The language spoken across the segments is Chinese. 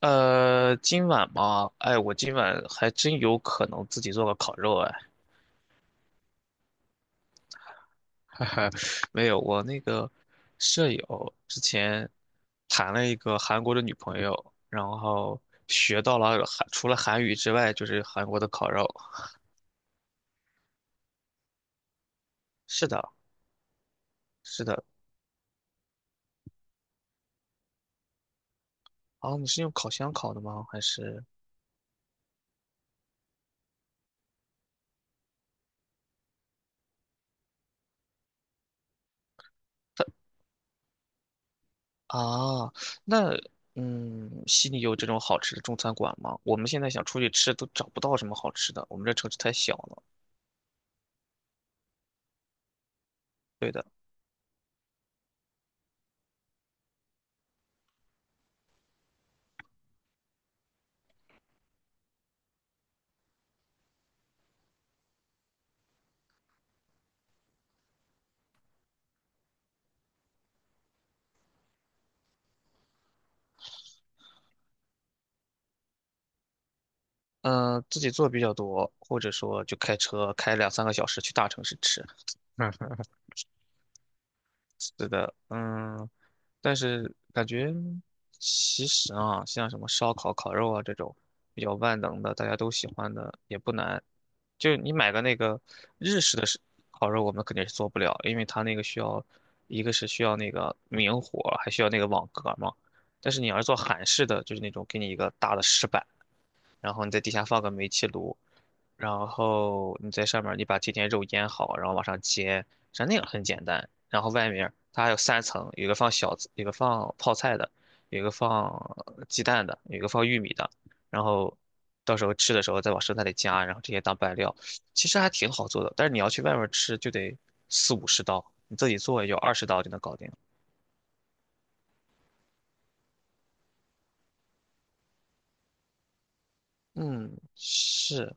今晚嘛，哎，我今晚还真有可能自己做个烤肉，哎，哈哈，没有，我那个舍友之前谈了一个韩国的女朋友，然后学到了除了韩语之外，就是韩国的烤肉。是的，是的。啊，你是用烤箱烤的吗？还是啊？那悉尼有这种好吃的中餐馆吗？我们现在想出去吃都找不到什么好吃的，我们这城市太小了。对的。自己做比较多，或者说就开车开两三个小时去大城市吃。是的，嗯，但是感觉其实啊，像什么烧烤、烤肉啊这种比较万能的，大家都喜欢的也不难。就是你买个那个日式的是烤肉，我们肯定是做不了，因为它那个需要，一个是需要那个明火，还需要那个网格嘛。但是你要是做韩式的，就是那种给你一个大的石板，然后你在底下放个煤气炉，然后你在上面儿你把这点肉腌好，然后往上煎，像那样很简单。然后外面儿它还有三层，有一个放小子有一个放泡菜的，有一个放鸡蛋的，有一个放玉米的。然后到时候吃的时候再往生菜里加，然后这些当拌料，其实还挺好做的。但是你要去外面儿吃就得四五十刀，你自己做也就20刀就能搞定。嗯，是。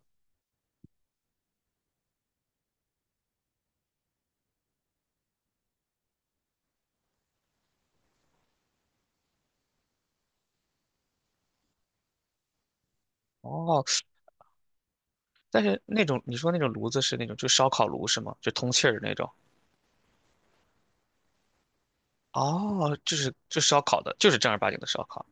哦，但是那种你说那种炉子是那种就烧烤炉是吗？就通气儿的那种。哦，就是烧烤的，就是正儿八经的烧烤。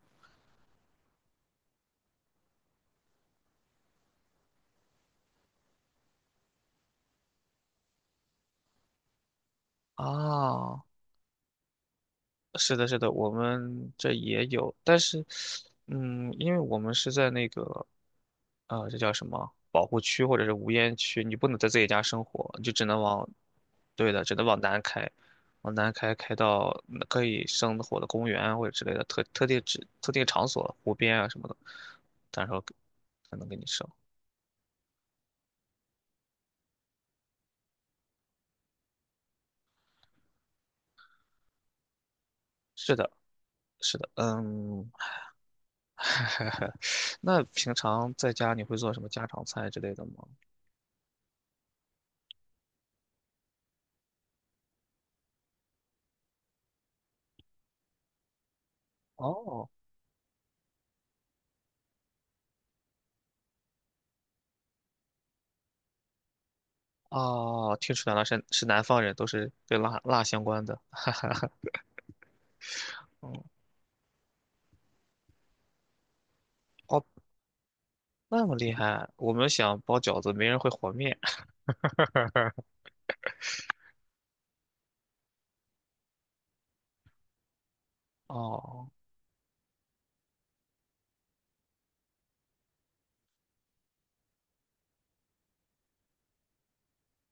哦，是的，是的，我们这也有，但是，嗯，因为我们是在那个，这叫什么保护区或者是无烟区，你不能在自己家生火，你就只能往，对的，只能往南开，往南开开到可以生火的公园或者之类的特定场所、湖边啊什么的，到时候可能给你生。是的，是的，嗯，那平常在家你会做什么家常菜之类的吗？哦，啊，听出来了，是是南方人，都是跟辣辣相关的，哈哈哈。嗯哦，那么厉害，我们想包饺子，没人会和面。哦，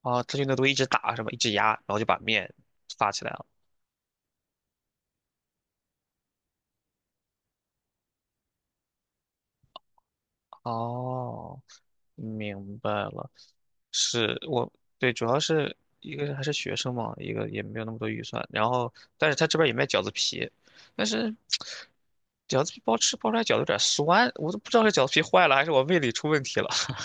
哦，他就那都一直打什么，一直压，然后就把面发起来了。哦，明白了。是我对，主要是一个是还是学生嘛，一个也没有那么多预算。然后，但是他这边也卖饺子皮，但是饺子皮包出来饺子有点酸，我都不知道是饺子皮坏了还是我胃里出问题了。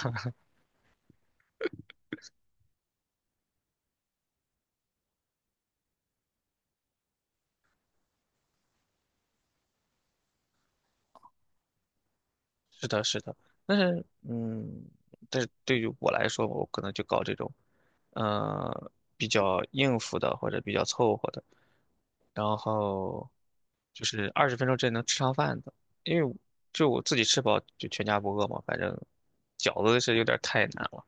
是的，是的，但是嗯，但是对于我来说，我可能就搞这种，呃，比较应付的或者比较凑合的。然后就是20分钟之内能吃上饭的，因为就我自己吃饱就全家不饿嘛，反正饺子是有点太难了。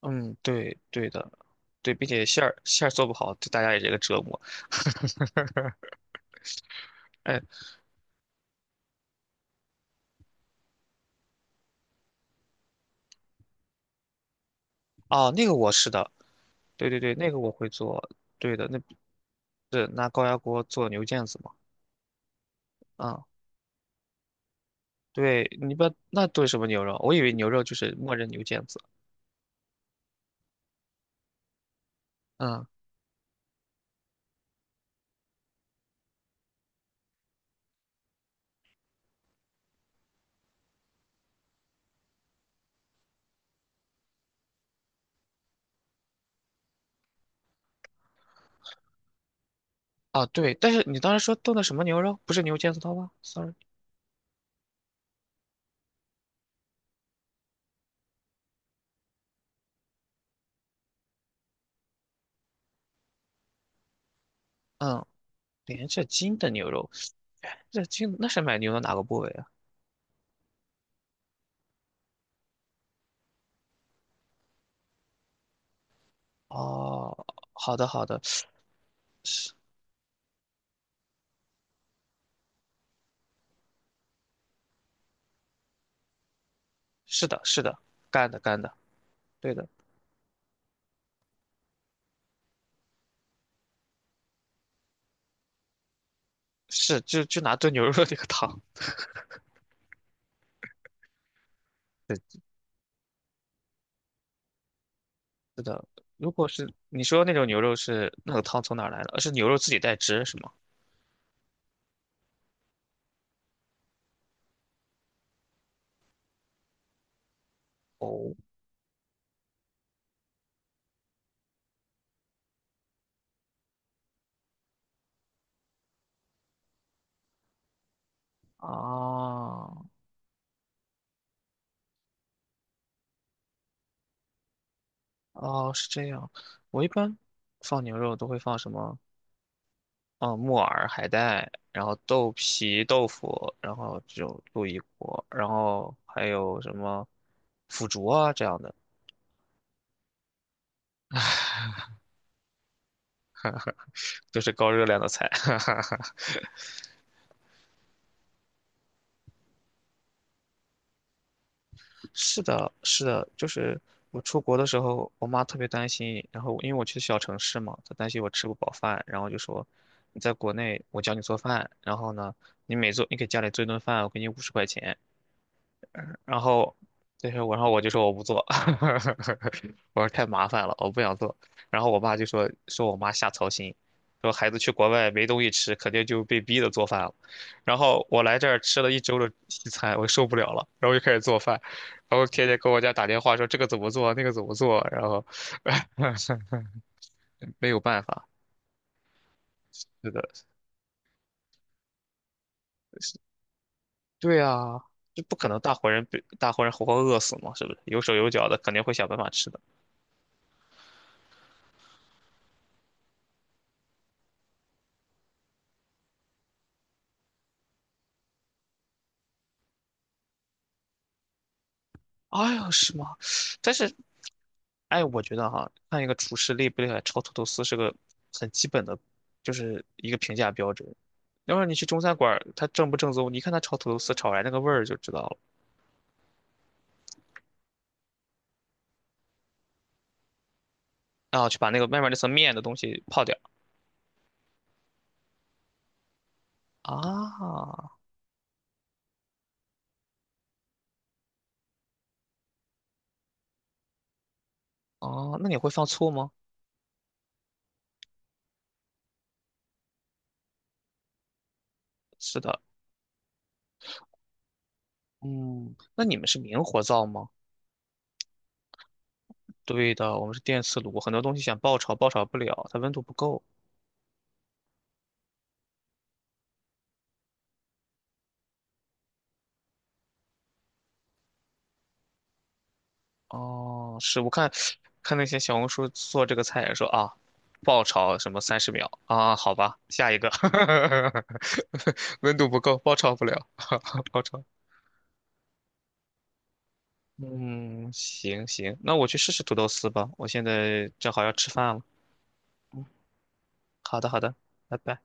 嗯，对，对的，对，并且馅儿做不好，对大家也是一个折磨。哎，哦，那个我是的，对对对，那个我会做，对的，那是拿高压锅做牛腱子嘛，啊、对，你把那炖什么牛肉？我以为牛肉就是默认牛腱子，嗯，啊，对，但是你当时说炖的什么牛肉？不是牛腱子汤吗？sorry,嗯。连着筋的牛肉，哎这筋那是买牛的哪个部位啊？哦，好的好的，是是的，干的干的，对的，是就就拿炖牛肉那个汤，对，是的。如果是你说那种牛肉是那个汤从哪儿来的？是牛肉自己带汁是吗？哦，啊，哦，是这样。我一般放牛肉都会放什么？哦，木耳、海带，然后豆皮、豆腐，然后这种鹿一锅，然后还有什么腐竹啊这样的，都是高热量的菜。哈哈哈。是的，是的，就是我出国的时候，我妈特别担心，然后因为我去小城市嘛，她担心我吃不饱饭，然后就说你在国内我教你做饭，然后呢，你每做你给家里做一顿饭，我给你50块钱，然后那是我然后我就说我不做，我说太麻烦了，我不想做。然后我爸就说我妈瞎操心，说孩子去国外没东西吃，肯定就被逼的做饭了。然后我来这儿吃了一周的西餐，我受不了了，然后就开始做饭，然后天天给我家打电话说这个怎么做，那个怎么做，然后 没有办法，是的，对啊。这不可能，大活人被大活人活活饿死嘛，是不是？有手有脚的，肯定会想办法吃的。哎呦，是吗？但是哎，我觉得哈，看一个厨师厉不厉害，炒土豆丝是个很基本的，就是一个评价标准。要不然你去中餐馆儿，他正不正宗，你看他炒土豆丝炒出来那个味儿就知道了。然后去把那个外面那层面的东西泡掉。啊，哦，那你会放醋吗？是的，嗯，那你们是明火灶吗？对的，我们是电磁炉，很多东西想爆炒不了，它温度不够。哦，是我看那些小红书做这个菜也说啊，爆炒什么30秒啊，好吧，下一个，温度不够，爆炒不了，爆炒。嗯，行行，那我去试试土豆丝吧，我现在正好要吃饭了。好的好的，拜拜。